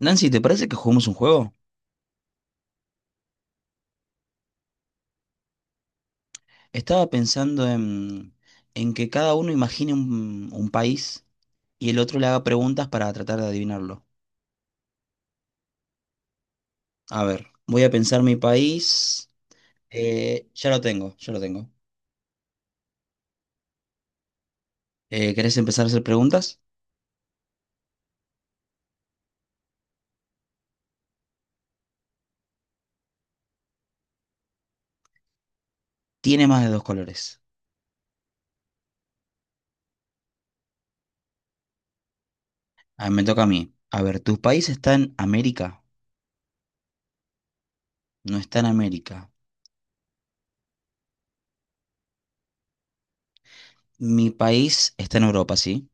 Nancy, ¿te parece que juguemos un juego? Estaba pensando en que cada uno imagine un país y el otro le haga preguntas para tratar de adivinarlo. A ver, voy a pensar mi país. Ya lo tengo, ya lo tengo. ¿Querés empezar a hacer preguntas? Tiene más de dos colores. A ver, me toca a mí. A ver, ¿tu país está en América? No está en América. Mi país está en Europa, ¿sí?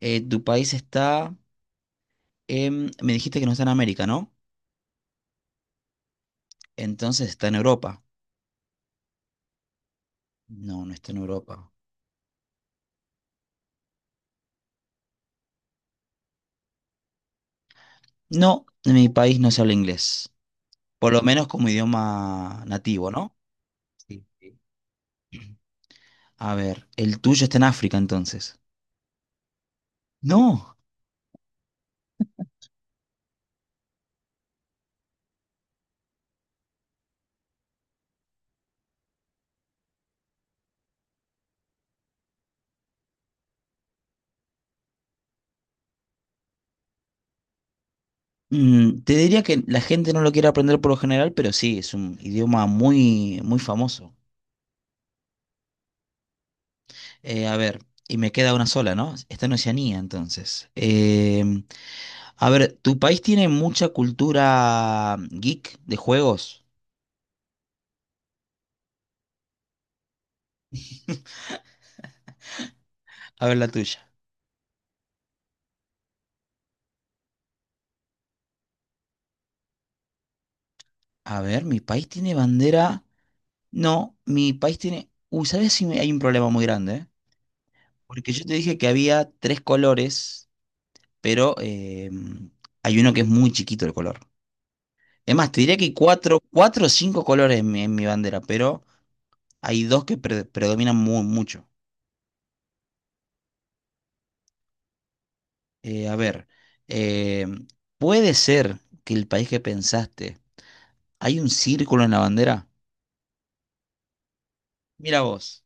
¿Tu país está en... Me dijiste que no está en América, ¿no? Entonces está en Europa. No, no está en Europa. No, en mi país no se habla inglés, por lo menos como idioma nativo, ¿no? Sí, sí. A ver, el tuyo está en África entonces. No, mm, te diría que la gente no lo quiere aprender por lo general, pero sí, es un idioma muy, muy famoso. A ver, y me queda una sola, ¿no? Está en Oceanía entonces. Em, a ver, ¿tu país tiene mucha cultura geek de juegos? A ver la tuya. A ver, mi país tiene bandera. No, mi país tiene... Uy, ¿sabes si hay un problema muy grande? ¿Eh? Porque yo te dije que había tres colores, pero hay uno que es muy chiquito el color. Es más, te diría que hay cuatro, cuatro o cinco colores en mi bandera, pero hay dos que predominan muy, mucho. A ver, eh, ¿puede ser que el país que pensaste, hay un círculo en la bandera? Mira vos.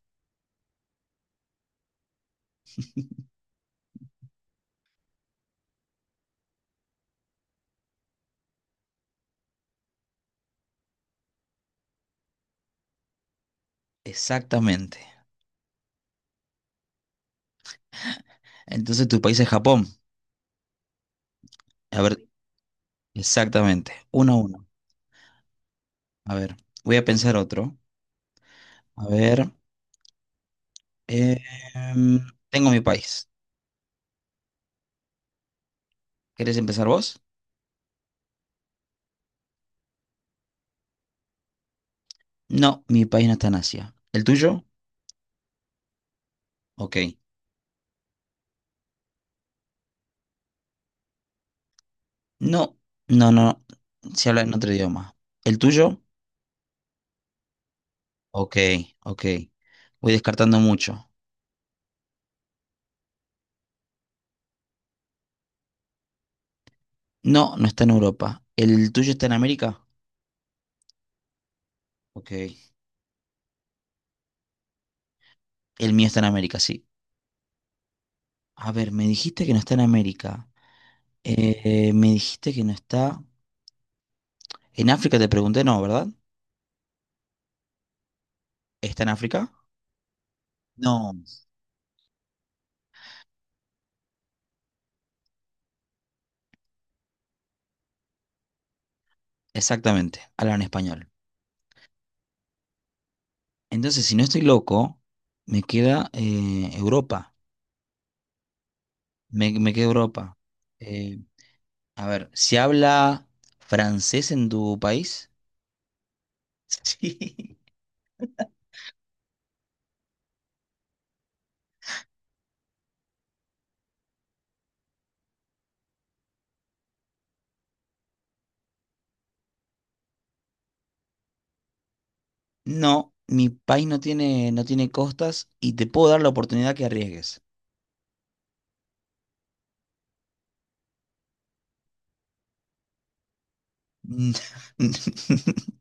Exactamente. Entonces tu país es Japón. A ver, exactamente. Uno a uno. A ver, voy a pensar otro. A ver, eh, em, tengo mi país. ¿Querés empezar vos? No, mi país no está en Asia. ¿El tuyo? Ok. No, no, no. Se habla en otro idioma. ¿El tuyo? Ok, ok. Voy descartando mucho. No, no está en Europa. ¿El tuyo está en América? Ok. El mío está en América, sí. A ver, me dijiste que no está en América. Me dijiste que no está... En África te pregunté, no, ¿verdad? ¿Está en África? No. Exactamente. Hablan español. Entonces, si no estoy loco, me queda Europa. Me queda Europa. Eh, a ver, ¿se habla francés en tu país? Sí. No, mi país no tiene, no tiene costas y te puedo dar la oportunidad que arriesgues. Mm.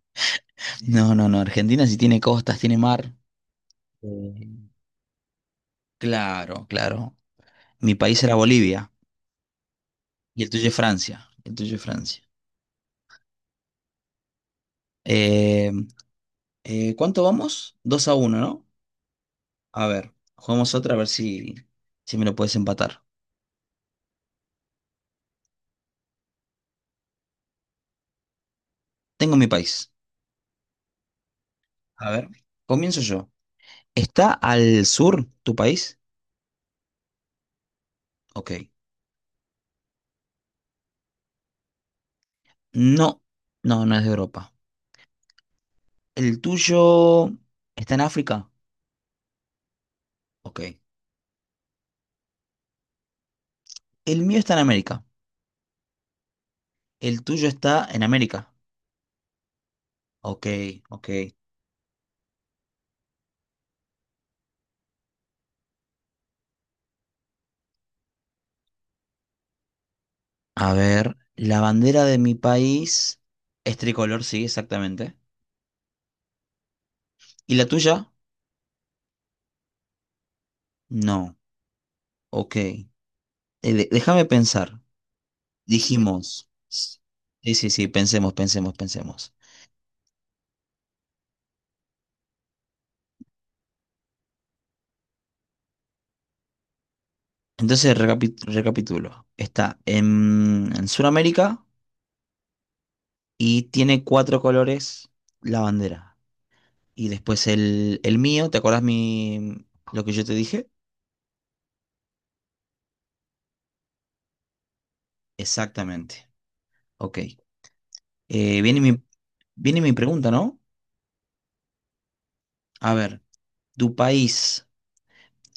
No, no, no. Argentina sí tiene costas, tiene mar. Eh, Claro, claro. Mi país era Bolivia y el tuyo es Francia. El tuyo es Francia. Eh, ¿Cuánto vamos? 2 a uno, ¿no? A ver, jugamos otra a ver si, si me lo puedes empatar. Tengo mi país. A ver, comienzo yo. ¿Está al sur tu país? Ok. No, no, no es de Europa. ¿El tuyo está en África? Ok. El mío está en América. ¿El tuyo está en América? Ok, ok. A ver, la bandera de mi país es tricolor, sí, exactamente. ¿Y la tuya? No. Ok. Déjame pensar. Dijimos, sí, sí, sí, pensemos, pensemos, pensemos. Entonces, recapitulo. Está en Sudamérica y tiene cuatro colores la bandera. Y después el mío, ¿te acuerdas mi, lo que yo te dije? Exactamente. Ok. Eh, viene mi, Viene mi pregunta, ¿no? A ver, ¿tu país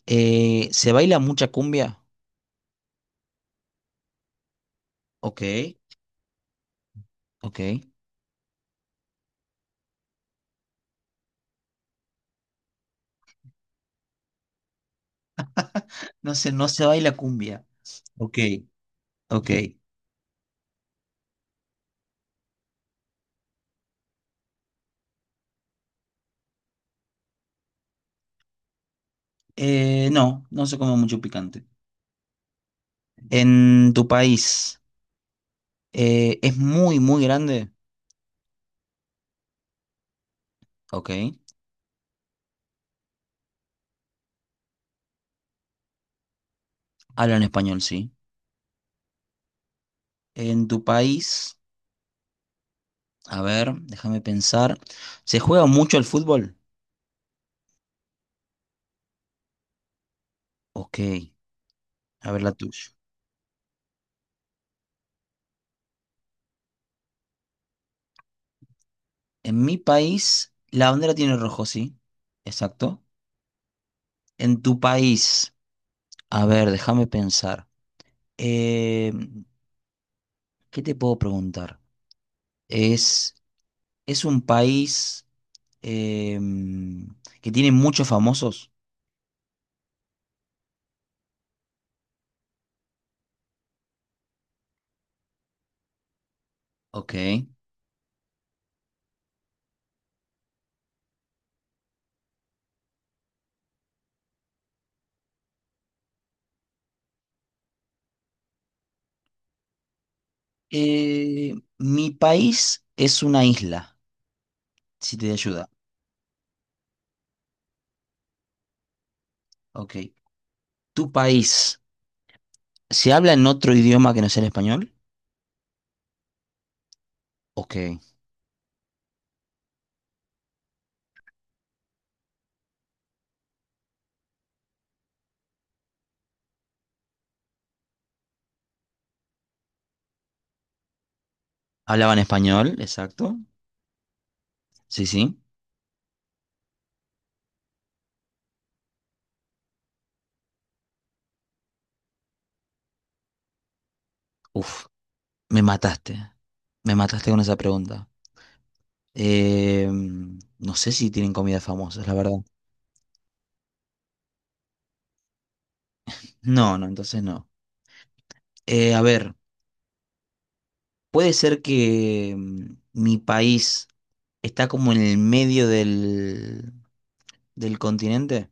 se baila mucha cumbia? Ok, ok. No se, no se baila cumbia. Ok, ok. No, no se come mucho picante. En tu país, ¿es muy, muy grande? Ok. Hablan español, sí. En tu país, a ver, déjame pensar. ¿Se juega mucho el fútbol? Ok. A ver la tuya. En mi país, la bandera tiene rojo, sí. Exacto. En tu país, a ver, déjame pensar. Eh, ¿Qué te puedo preguntar? ¿Es, es un país em, que tiene muchos famosos? Ok. Mi país es una isla, si te ayuda. Ok. ¿Tu país se habla en otro idioma que no sea el español? Ok. Hablaban español, exacto. Sí, sí. Uf, me mataste. Me mataste con esa pregunta. Eh, no sé si tienen comidas famosas, la verdad. No, no, entonces no. A ver, puede ser que mm, mi país está como en el medio del continente.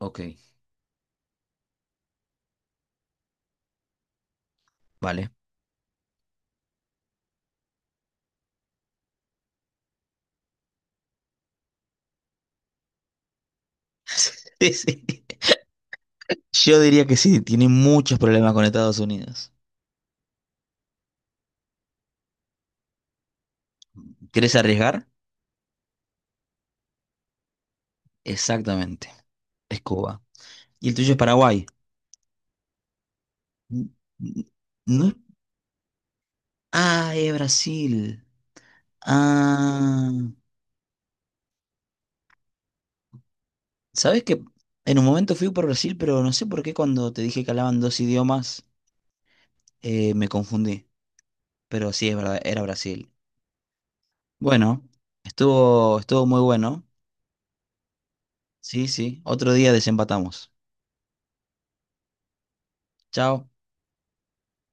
Ok, vale. Sí, sí. Yo diría que sí, tiene muchos problemas con Estados Unidos. ¿Querés arriesgar? Exactamente. Es Cuba. ¿Y el tuyo es Paraguay? N- n- No es- Ah, es Brasil. Ah. Sabes que en un momento fui por Brasil, pero no sé por qué cuando te dije que hablaban dos idiomas, me confundí. Pero sí, es verdad, era Brasil. Bueno, estuvo, estuvo muy bueno. Sí, sí. Otro día desempatamos. Chao.